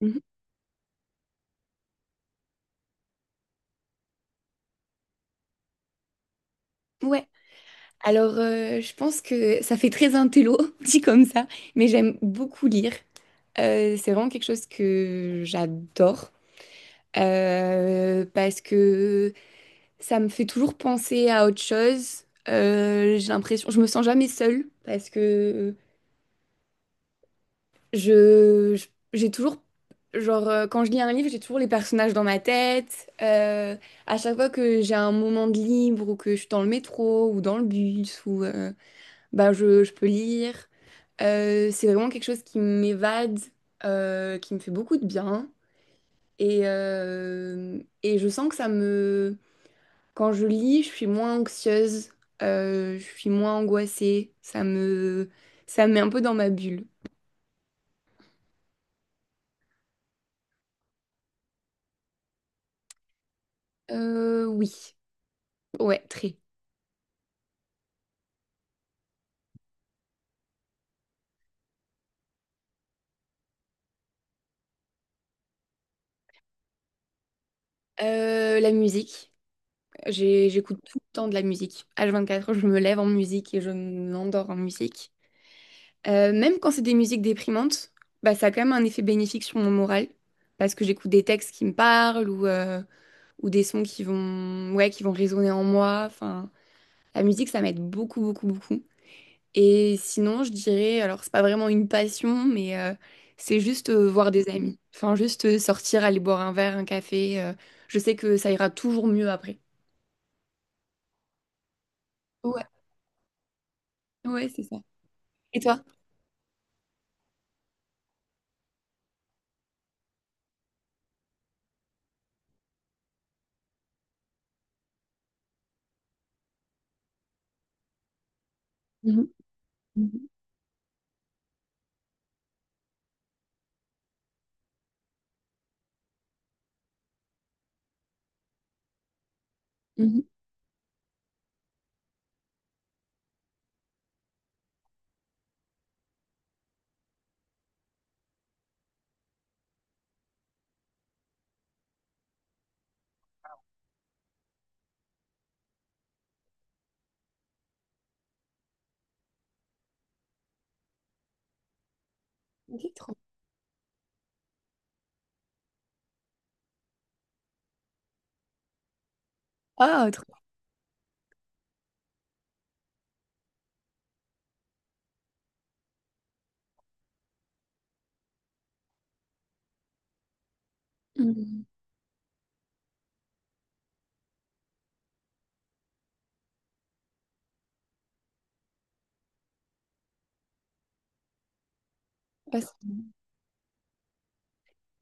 Mhm. Ouais, alors je pense que ça fait très intello, dit comme ça, mais j'aime beaucoup lire. C'est vraiment quelque chose que j'adore parce que ça me fait toujours penser à autre chose. J'ai l'impression, je me sens jamais seule parce que je, je- j'ai toujours, genre, quand je lis un livre, j'ai toujours les personnages dans ma tête. À chaque fois que j'ai un moment de libre ou que je suis dans le métro ou dans le bus ou. Bah, je peux lire. C'est vraiment quelque chose qui m'évade, qui me fait beaucoup de bien. Et je sens que ça me... Quand je lis, je suis moins anxieuse, je suis moins angoissée. Ça me met un peu dans ma bulle. Oui, ouais, très. La musique. J'écoute tout le temps de la musique. H24, je me lève en musique et je m'endors en musique. Même quand c'est des musiques déprimantes, bah, ça a quand même un effet bénéfique sur mon moral, parce que j'écoute des textes qui me parlent ou des sons qui vont, ouais, qui vont résonner en moi. Enfin, la musique, ça m'aide beaucoup, beaucoup, beaucoup. Et sinon, je dirais, alors c'est pas vraiment une passion, mais c'est juste voir des amis. Enfin, juste sortir, aller boire un verre, un café. Je sais que ça ira toujours mieux après. Ouais, ouais, c'est ça. Et toi? Mhm, mhm, mhm. Ok, trop. Ah, trop. Mhm. Passe.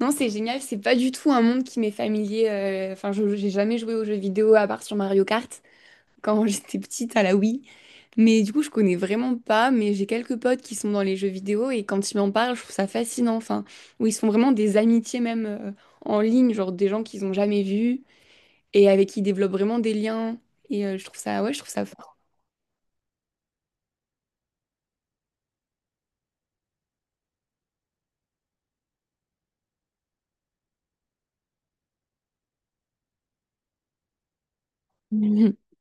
Non, c'est génial, c'est pas du tout un monde qui m'est familier. Enfin, j'ai jamais joué aux jeux vidéo à part sur Mario Kart quand j'étais petite à la Wii. Mais du coup, je connais vraiment pas, mais j'ai quelques potes qui sont dans les jeux vidéo et quand ils m'en parlent, je trouve ça fascinant. Enfin, où ils se font vraiment des amitiés même en ligne, genre des gens qu'ils ont jamais vus et avec qui ils développent vraiment des liens. Et je trouve ça, ouais, je trouve ça fort.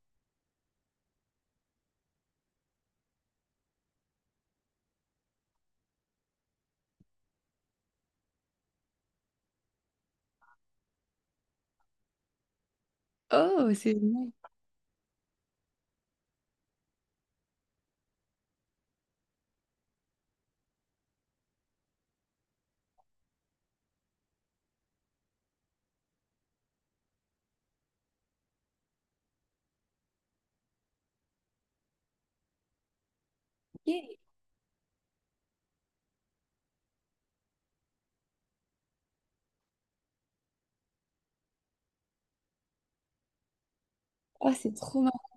Oh, c'est génial. Ok. Oh, c'est trop marrant.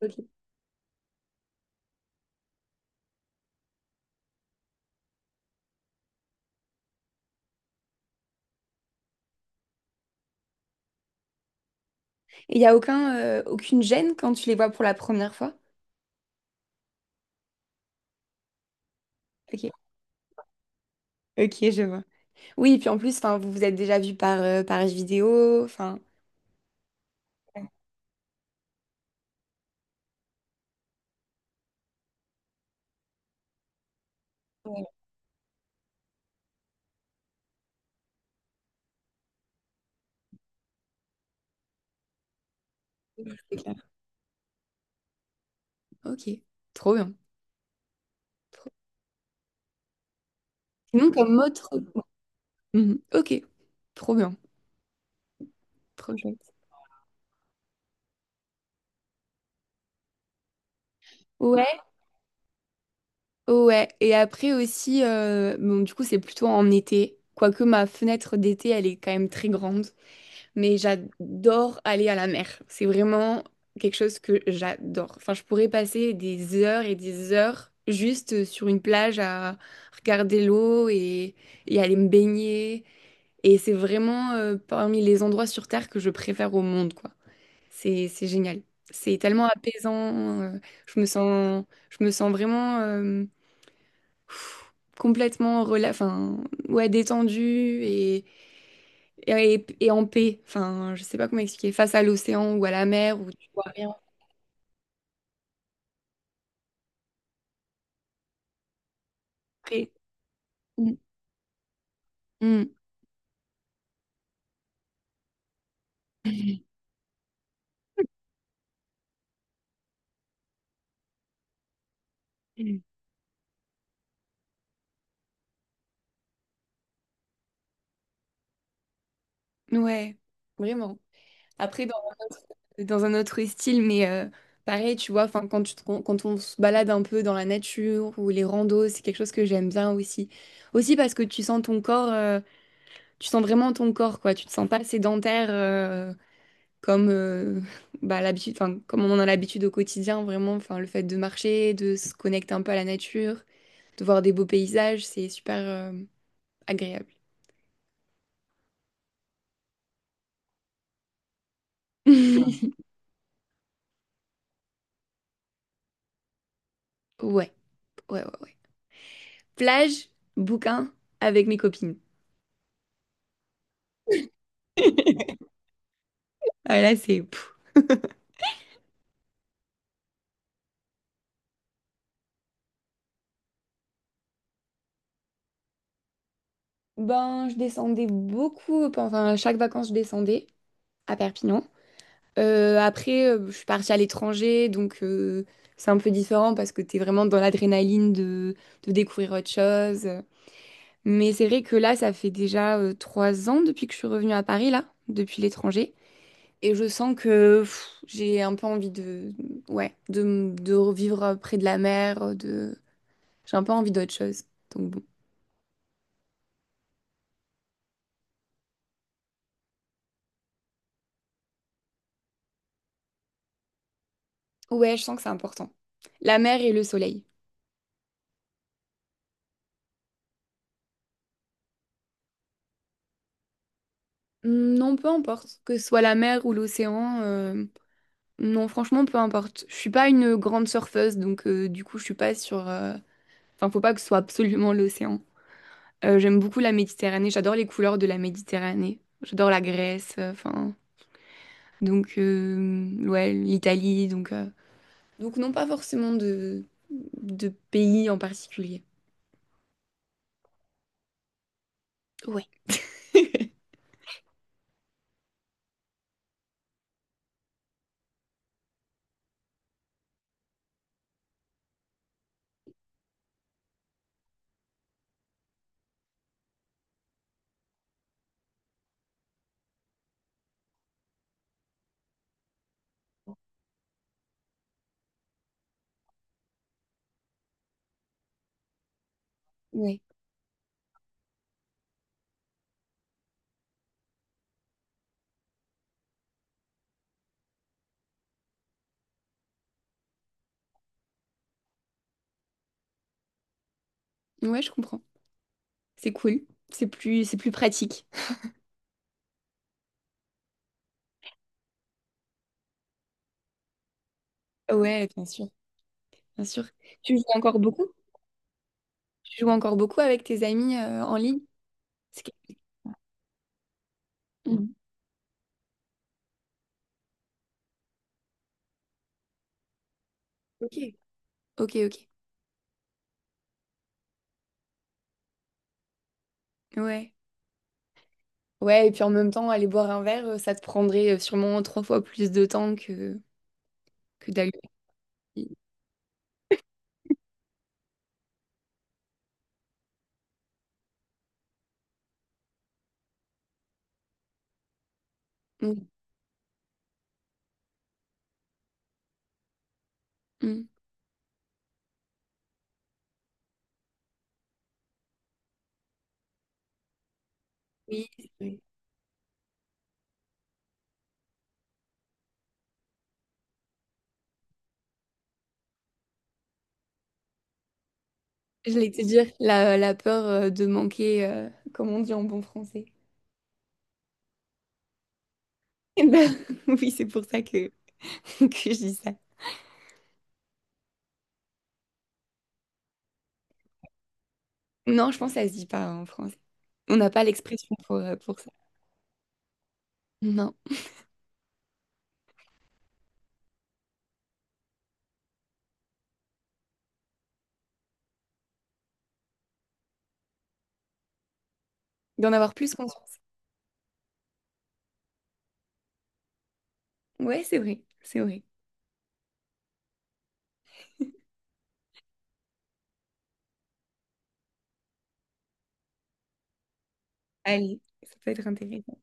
Ok. Et il n'y a aucun, aucune gêne quand tu les vois pour la première fois? Ok. Ok, je vois. Oui, puis en plus, enfin, vous vous êtes déjà vu par page vidéo, enfin, Ouais. C'est clair. Ok, trop bien. Trop- Sinon, comme autre... Mhm. Ok, trop bien. Trop chouette. Ouais, ouais. Et après aussi, bon, du coup, c'est plutôt en été. Quoique ma fenêtre d'été, elle est quand même très grande. Mais j'adore aller à la mer. C'est vraiment quelque chose que j'adore. Enfin, je pourrais passer des heures et des heures juste sur une plage à regarder l'eau et aller me baigner. Et c'est vraiment parmi les endroits sur Terre que je préfère au monde, quoi. C'est génial. C'est tellement apaisant. Je me sens, je me sens vraiment complètement rela enfin, ouais, détendue et en paix. Enfin, je sais pas comment expliquer. Face à l'océan ou à la mer où tu vois rien après. Mm. Mm. Ouais, vraiment. Après, dans un autre style, mais pareil, tu vois, enfin, quand quand on se balade un peu dans la nature ou les randos, c'est quelque chose que j'aime bien aussi. Aussi parce que tu sens ton corps, tu sens vraiment ton corps, quoi. Tu te sens pas sédentaire. Comme bah, l'habitude, enfin, comme on en a l'habitude au quotidien, vraiment, enfin, le fait de marcher, de se connecter un peu à la nature, de voir des beaux paysages, c'est super agréable. Ouais, ouais, ouais, ouais. Plage, bouquin, avec mes copines. Ah, là, c'est... pff. Ben, je descendais beaucoup, enfin, à chaque vacances, je descendais à Perpignan. Après, je suis partie à l'étranger, donc c'est un peu différent parce que t'es vraiment dans l'adrénaline de découvrir autre chose. Mais c'est vrai que là, ça fait déjà 3 ans depuis que je suis revenue à Paris, là, depuis l'étranger. Et je sens que pff, j'ai un peu envie ouais, de revivre près de la mer, de... J'ai un peu envie d'autre chose. Donc bon. Ouais, je sens que c'est important. La mer et le soleil. Hmm, non, peu importe. Que ce soit la mer ou l'océan. Non, franchement, peu importe. Je suis pas une grande surfeuse, donc du coup, je suis pas enfin, faut pas que ce soit absolument l'océan. J'aime beaucoup la Méditerranée, j'adore les couleurs de la Méditerranée. J'adore la Grèce, enfin. Donc, ouais, l'Italie. Donc, non, pas forcément de pays en particulier. Ouais. Ouais. Ouais, je comprends. C'est cool. C'est plus pratique. Ouais, bien sûr, bien sûr. Tu joues encore beaucoup? Tu joues encore beaucoup avec tes amis en ligne? C'est que- Mhm. Ok, ok, ok. Ouais. Ouais, et puis en même temps, aller boire un verre, ça te prendrait sûrement trois fois plus de temps que d'aller Oui, mm. Oui, oui. J'allais te dire la peur de manquer, comme on dit en bon français. Eh ben, oui, c'est pour ça que, que je dis ça. Non, je pense que ça se dit pas en français. On n'a pas l'expression pour ça. Non. D'en avoir plus conscience. Ouais, c'est vrai, c'est vrai. Allez, ça peut être intéressant.